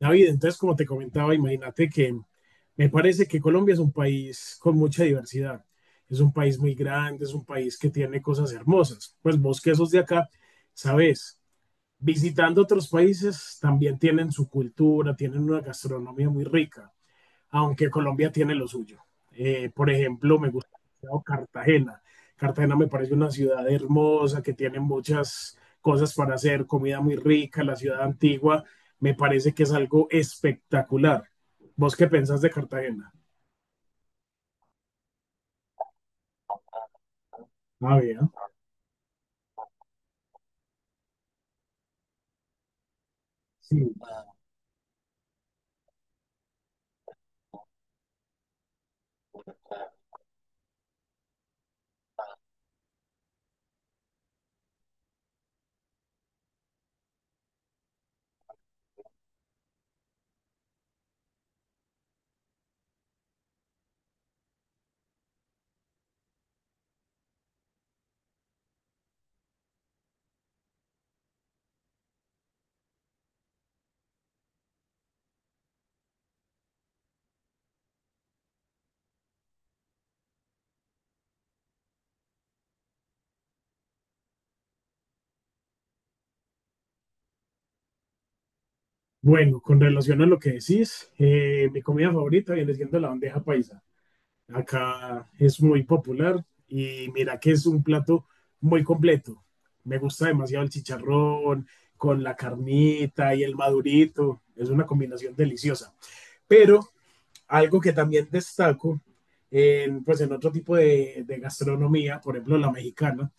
David, entonces, como te comentaba, imagínate que me parece que Colombia es un país con mucha diversidad. Es un país muy grande, es un país que tiene cosas hermosas. Pues vos que sos de acá, sabes, visitando otros países también tienen su cultura, tienen una gastronomía muy rica aunque Colombia tiene lo suyo. Por ejemplo, me gusta Cartagena. Cartagena me parece una ciudad hermosa que tiene muchas cosas para hacer, comida muy rica, la ciudad antigua, me parece que es algo espectacular. ¿Vos qué pensás de Cartagena? Ah, bien. Sí. Bueno, con relación a lo que decís, mi comida favorita viene siendo la bandeja paisa. Acá es muy popular y mira que es un plato muy completo. Me gusta demasiado el chicharrón con la carnita y el madurito. Es una combinación deliciosa. Pero algo que también destaco pues en otro tipo de gastronomía, por ejemplo la mexicana,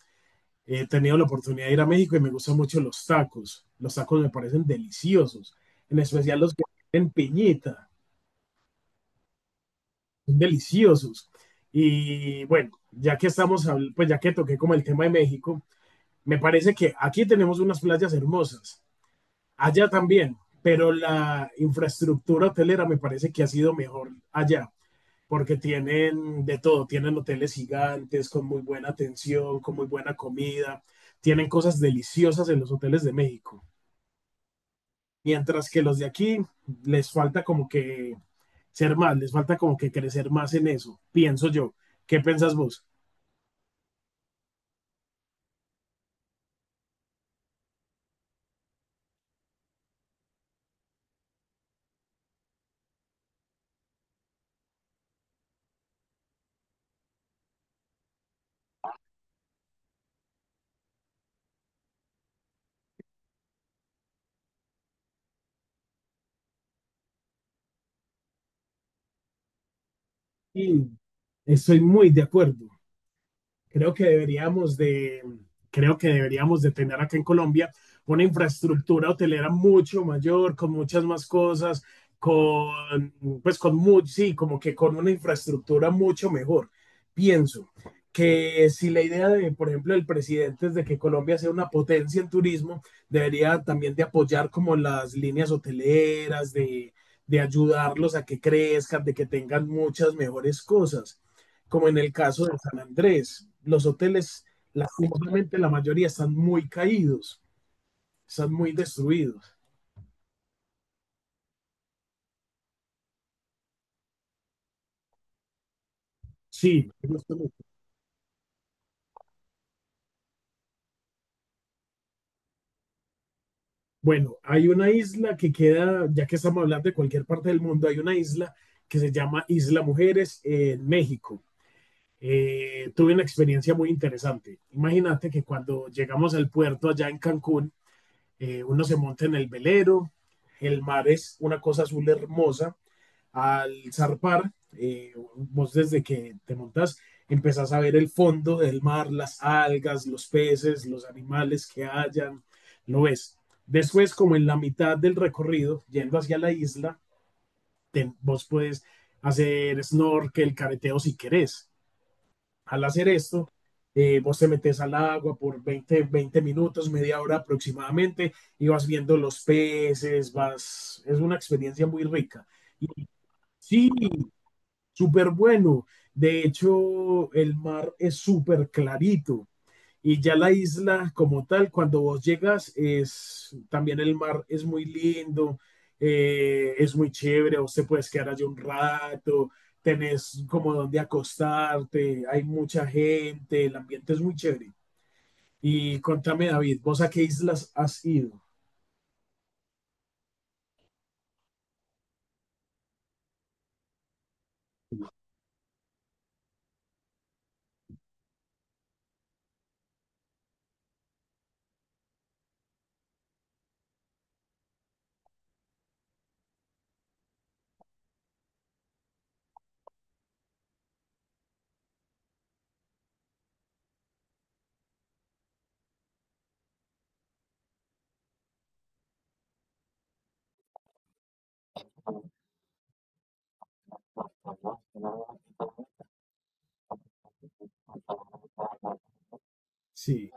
he tenido la oportunidad de ir a México y me gustan mucho los tacos. Los tacos me parecen deliciosos, en especial los que tienen piñita. Son deliciosos. Y bueno, ya que estamos, pues ya que toqué como el tema de México, me parece que aquí tenemos unas playas hermosas, allá también, pero la infraestructura hotelera me parece que ha sido mejor allá, porque tienen de todo, tienen hoteles gigantes con muy buena atención, con muy buena comida, tienen cosas deliciosas en los hoteles de México. Mientras que los de aquí les falta como que ser más, les falta como que crecer más en eso, pienso yo. ¿Qué piensas vos? Y estoy muy de acuerdo. creo que deberíamos de, Creo que deberíamos de tener acá en Colombia una infraestructura hotelera mucho mayor, con muchas más cosas, con, pues con mucho, sí, como que con una infraestructura mucho mejor. Pienso que si la idea de, por ejemplo, el presidente es de que Colombia sea una potencia en turismo, debería también de apoyar como las líneas hoteleras, de ayudarlos a que crezcan, de que tengan muchas mejores cosas como en el caso de San Andrés. Los hoteles, lastimosamente, la mayoría están muy caídos, están muy destruidos. Sí, me gusta mucho. Bueno, hay una isla que queda, ya que estamos hablando de cualquier parte del mundo, hay una isla que se llama Isla Mujeres en México. Tuve una experiencia muy interesante. Imagínate que cuando llegamos al puerto allá en Cancún, uno se monta en el velero, el mar es una cosa azul hermosa, al zarpar, vos desde que te montás, empezás a ver el fondo del mar, las algas, los peces, los animales que hayan, lo ves. Después, como en la mitad del recorrido, yendo hacia la isla, vos puedes hacer snorkel, careteo si querés. Al hacer esto, vos te metes al agua por veinte minutos, media hora aproximadamente, y vas viendo los peces, vas, es una experiencia muy rica. Y sí, súper bueno. De hecho, el mar es súper clarito. Y ya la isla como tal, cuando vos llegas, es también el mar es muy lindo, es muy chévere, vos te puedes quedar allí un rato, tenés como donde acostarte, hay mucha gente, el ambiente es muy chévere. Y contame, David, ¿vos a qué islas has ido? Sí.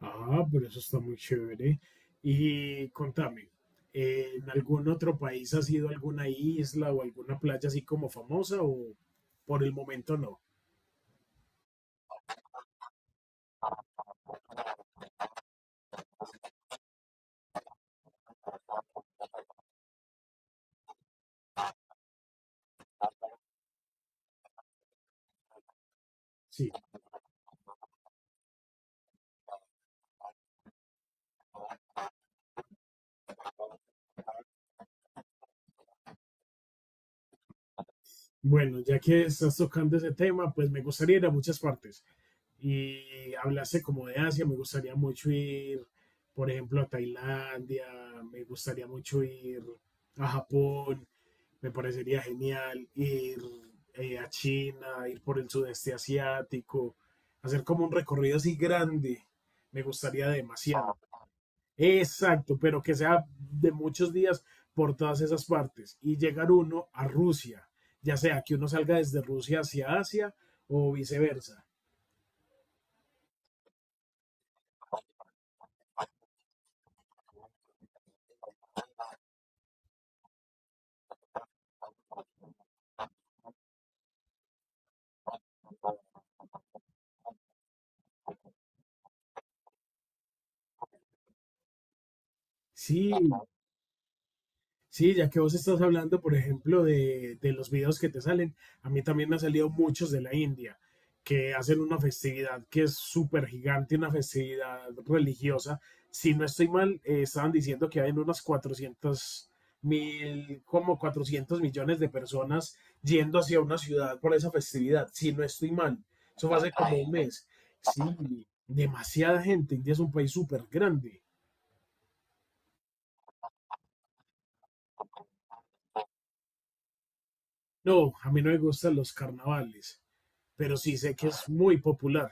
Ah, pero eso está muy chévere. Y contame, ¿en algún otro país has ido a alguna isla o alguna playa así como famosa o por el momento no? Sí. Bueno, ya que estás tocando ese tema, pues me gustaría ir a muchas partes. Y hablaste como de Asia, me gustaría mucho ir, por ejemplo, a Tailandia, me gustaría mucho ir a Japón. Me parecería genial ir a China, ir por el sudeste asiático, hacer como un recorrido así grande. Me gustaría demasiado. Exacto, pero que sea de muchos días por todas esas partes y llegar uno a Rusia, ya sea que uno salga desde Rusia hacia Asia o viceversa. Sí, sí, ya que vos estás hablando, por ejemplo, de los videos que te salen, a mí también me han salido muchos de la India, que hacen una festividad que es súper gigante, una festividad religiosa. Si no estoy mal, estaban diciendo que hay unas 400.000, como 400 millones de personas yendo hacia una ciudad por esa festividad. Si no estoy mal, eso fue hace como un mes. Sí, demasiada gente. India es un país súper grande. No, a mí no me gustan los carnavales. Pero sí sé que es muy popular.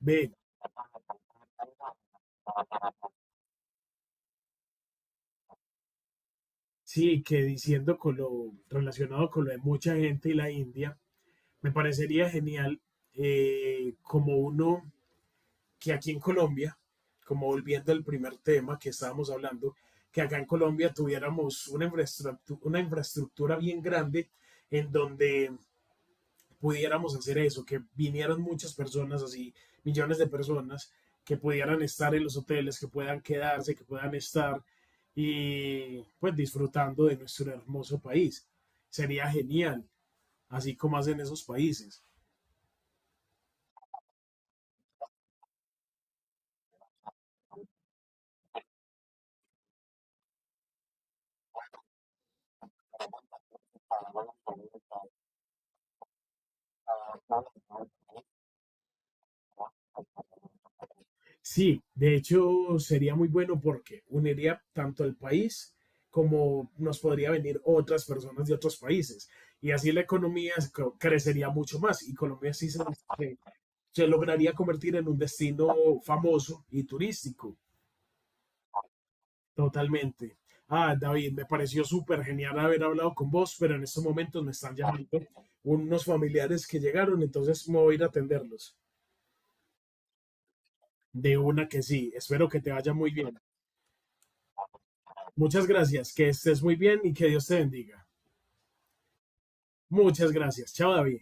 Ve, sí, que diciendo con lo relacionado con lo de mucha gente y la India, me parecería genial como uno que aquí en Colombia, como volviendo al primer tema que estábamos hablando, que acá en Colombia tuviéramos una infraestructura bien grande en donde pudiéramos hacer eso, que vinieran muchas personas así, millones de personas, que pudieran estar en los hoteles, que puedan quedarse, que puedan estar y pues disfrutando de nuestro hermoso país. Sería genial, así como hacen esos países. Sí, de hecho sería muy bueno porque uniría tanto al país como nos podría venir otras personas de otros países. Y así la economía es- crecería mucho más y Colombia sí se lograría convertir en un destino famoso y turístico. Totalmente. Ah, David, me pareció súper genial haber hablado con vos, pero en estos momentos me están llamando unos familiares que llegaron, entonces me voy a ir a atenderlos. De una que sí, espero que te vaya muy bien. Muchas gracias, que estés muy bien y que Dios te bendiga. Muchas gracias. Chao, David.